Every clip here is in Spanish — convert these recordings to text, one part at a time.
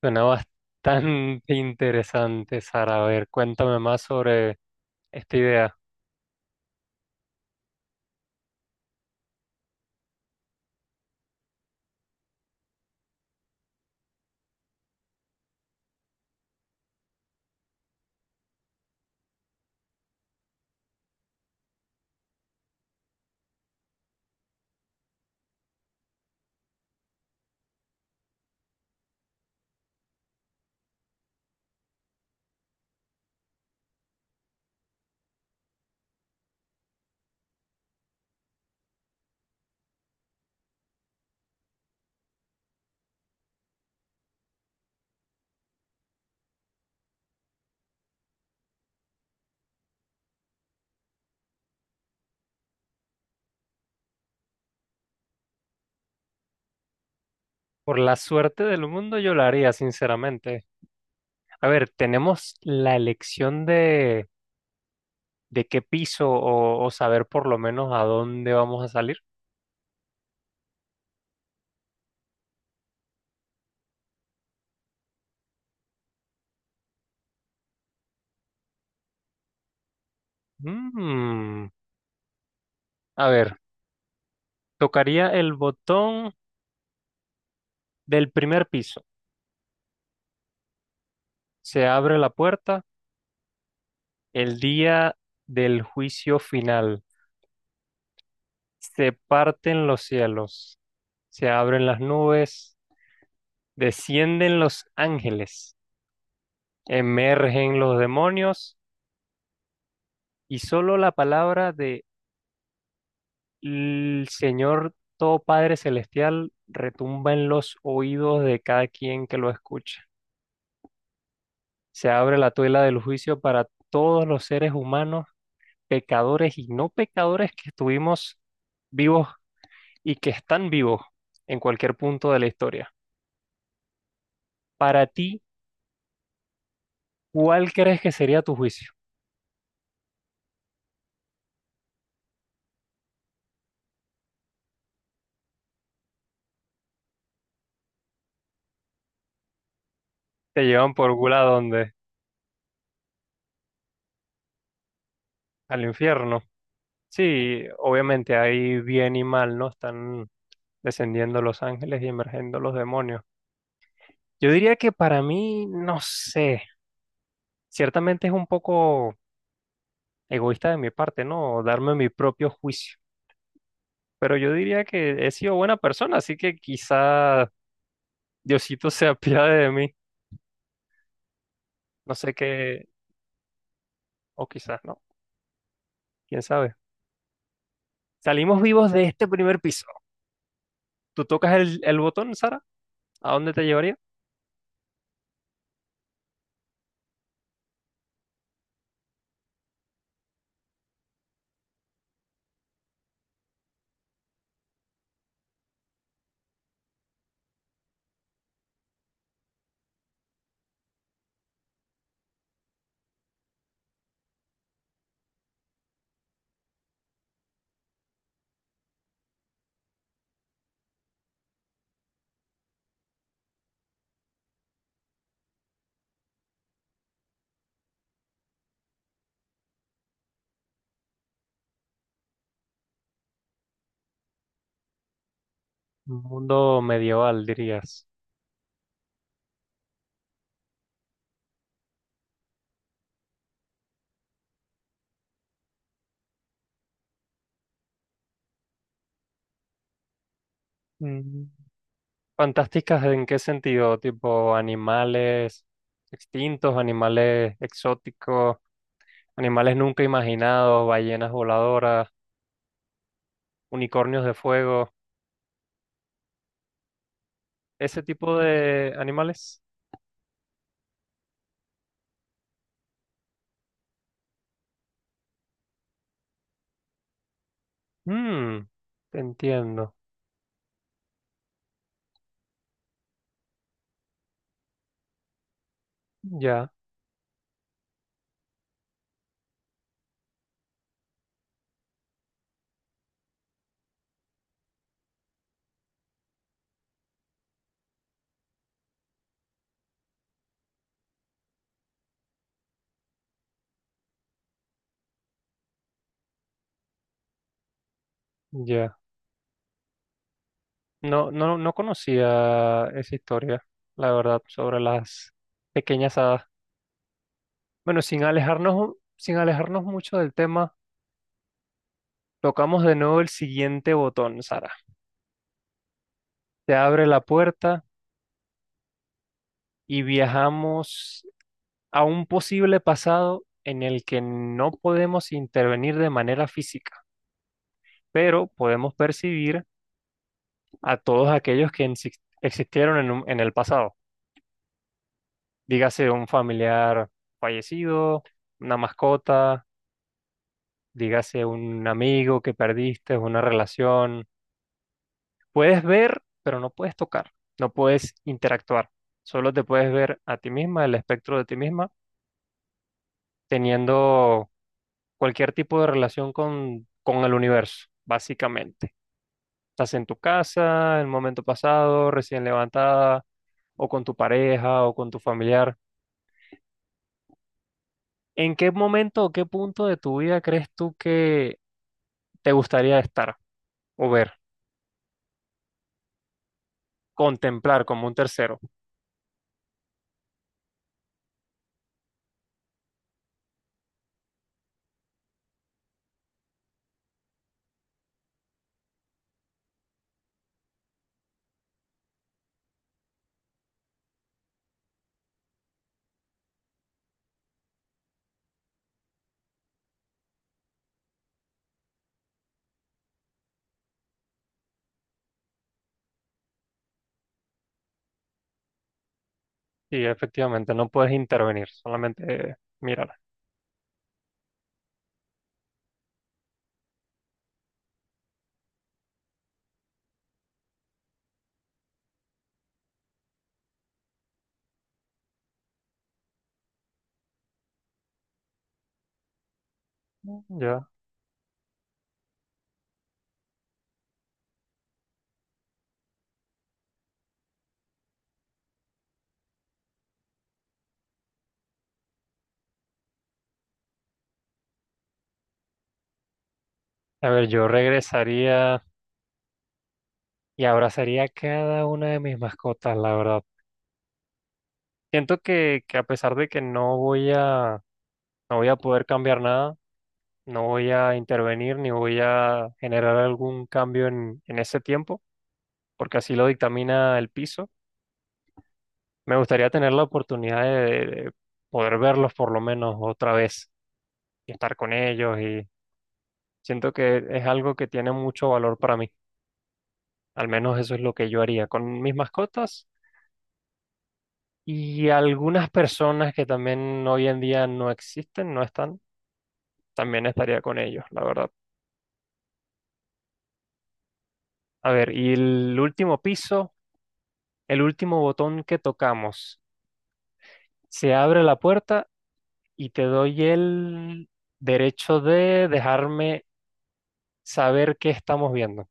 Suena bastante interesante, Sara. A ver, cuéntame más sobre esta idea. Por la suerte del mundo yo la haría, sinceramente. A ver, tenemos la elección de qué piso o saber por lo menos a dónde vamos a salir. Mm, A ver, tocaría el botón del primer piso. Se abre la puerta el día del juicio final. Se parten los cielos. Se abren las nubes. Descienden los ángeles, emergen los demonios y solo la palabra de el Señor Todo Padre Celestial retumba en los oídos de cada quien que lo escucha. Se abre la tuela del juicio para todos los seres humanos, pecadores y no pecadores que estuvimos vivos y que están vivos en cualquier punto de la historia. Para ti, ¿cuál crees que sería tu juicio? ¿Te llevan por gula a dónde? ¿Al infierno? Sí, obviamente hay bien y mal, ¿no? Están descendiendo los ángeles y emergiendo los demonios. Yo diría que para mí, no sé, ciertamente es un poco egoísta de mi parte, ¿no? Darme mi propio juicio. Pero yo diría que he sido buena persona, así que quizá Diosito se apiade de mí. No sé qué, o quizás no, quién sabe. Salimos vivos de este primer piso. ¿Tú tocas el botón, Sara? ¿A dónde te llevaría? Un mundo medieval, dirías. Mm. ¿Fantásticas en qué sentido? Tipo animales extintos, animales exóticos, animales nunca imaginados, ballenas voladoras, unicornios de fuego, ese tipo de animales. Mm, te entiendo. Ya, ya. No, no, no conocía esa historia, la verdad, sobre las pequeñas hadas. Bueno, sin alejarnos, sin alejarnos mucho del tema, tocamos de nuevo el siguiente botón, Sara. Te abre la puerta y viajamos a un posible pasado en el que no podemos intervenir de manera física, pero podemos percibir a todos aquellos que existieron en el pasado. Dígase un familiar fallecido, una mascota, dígase un amigo que perdiste, una relación. Puedes ver, pero no puedes tocar, no puedes interactuar. Solo te puedes ver a ti misma, el espectro de ti misma, teniendo cualquier tipo de relación con el universo, básicamente. Estás en tu casa, en el momento pasado, recién levantada, o con tu pareja, o con tu familiar. ¿En qué momento o qué punto de tu vida crees tú que te gustaría estar o ver, contemplar como un tercero? Y efectivamente, no puedes intervenir, solamente mirar. Yo, a ver, yo regresaría y abrazaría a cada una de mis mascotas, la verdad. Siento que a pesar de que no voy a, no voy a poder cambiar nada, no voy a intervenir ni voy a generar algún cambio en ese tiempo, porque así lo dictamina el piso. Me gustaría tener la oportunidad de, poder verlos por lo menos otra vez y estar con ellos, y siento que es algo que tiene mucho valor para mí. Al menos eso es lo que yo haría con mis mascotas y algunas personas que también hoy en día no existen, no están, también estaría con ellos, la verdad. A ver, y el último piso, el último botón que tocamos, se abre la puerta y te doy el derecho de dejarme saber qué estamos viendo.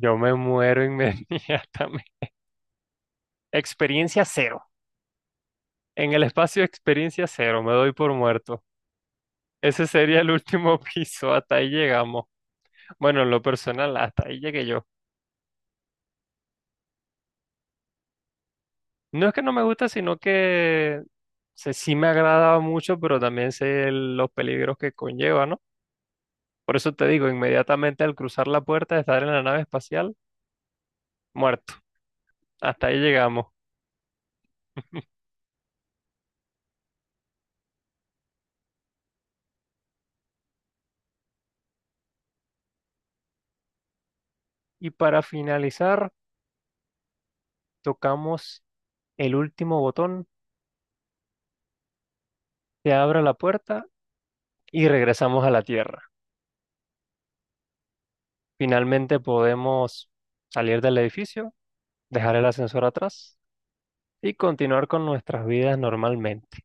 Yo me muero inmediatamente. Experiencia cero. En el espacio experiencia cero, me doy por muerto. Ese sería el último piso, hasta ahí llegamos. Bueno, en lo personal, hasta ahí llegué yo. No es que no me gusta, sino que sí me agradaba mucho, pero también sé los peligros que conlleva, ¿no? Por eso te digo, inmediatamente al cruzar la puerta de estar en la nave espacial, muerto. Hasta ahí llegamos. Y para finalizar, tocamos el último botón, se abre la puerta y regresamos a la Tierra. Finalmente podemos salir del edificio, dejar el ascensor atrás y continuar con nuestras vidas normalmente.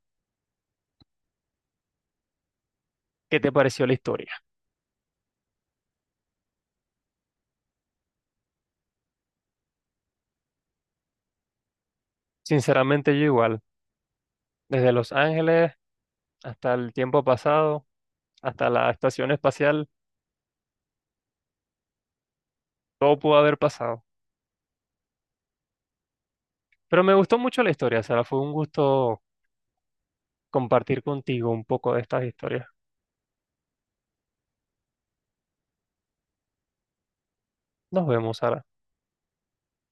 ¿Qué te pareció la historia? Sinceramente, yo igual, desde Los Ángeles hasta el tiempo pasado, hasta la estación espacial, todo pudo haber pasado. Pero me gustó mucho la historia, Sara. Fue un gusto compartir contigo un poco de estas historias. Nos vemos, Sara.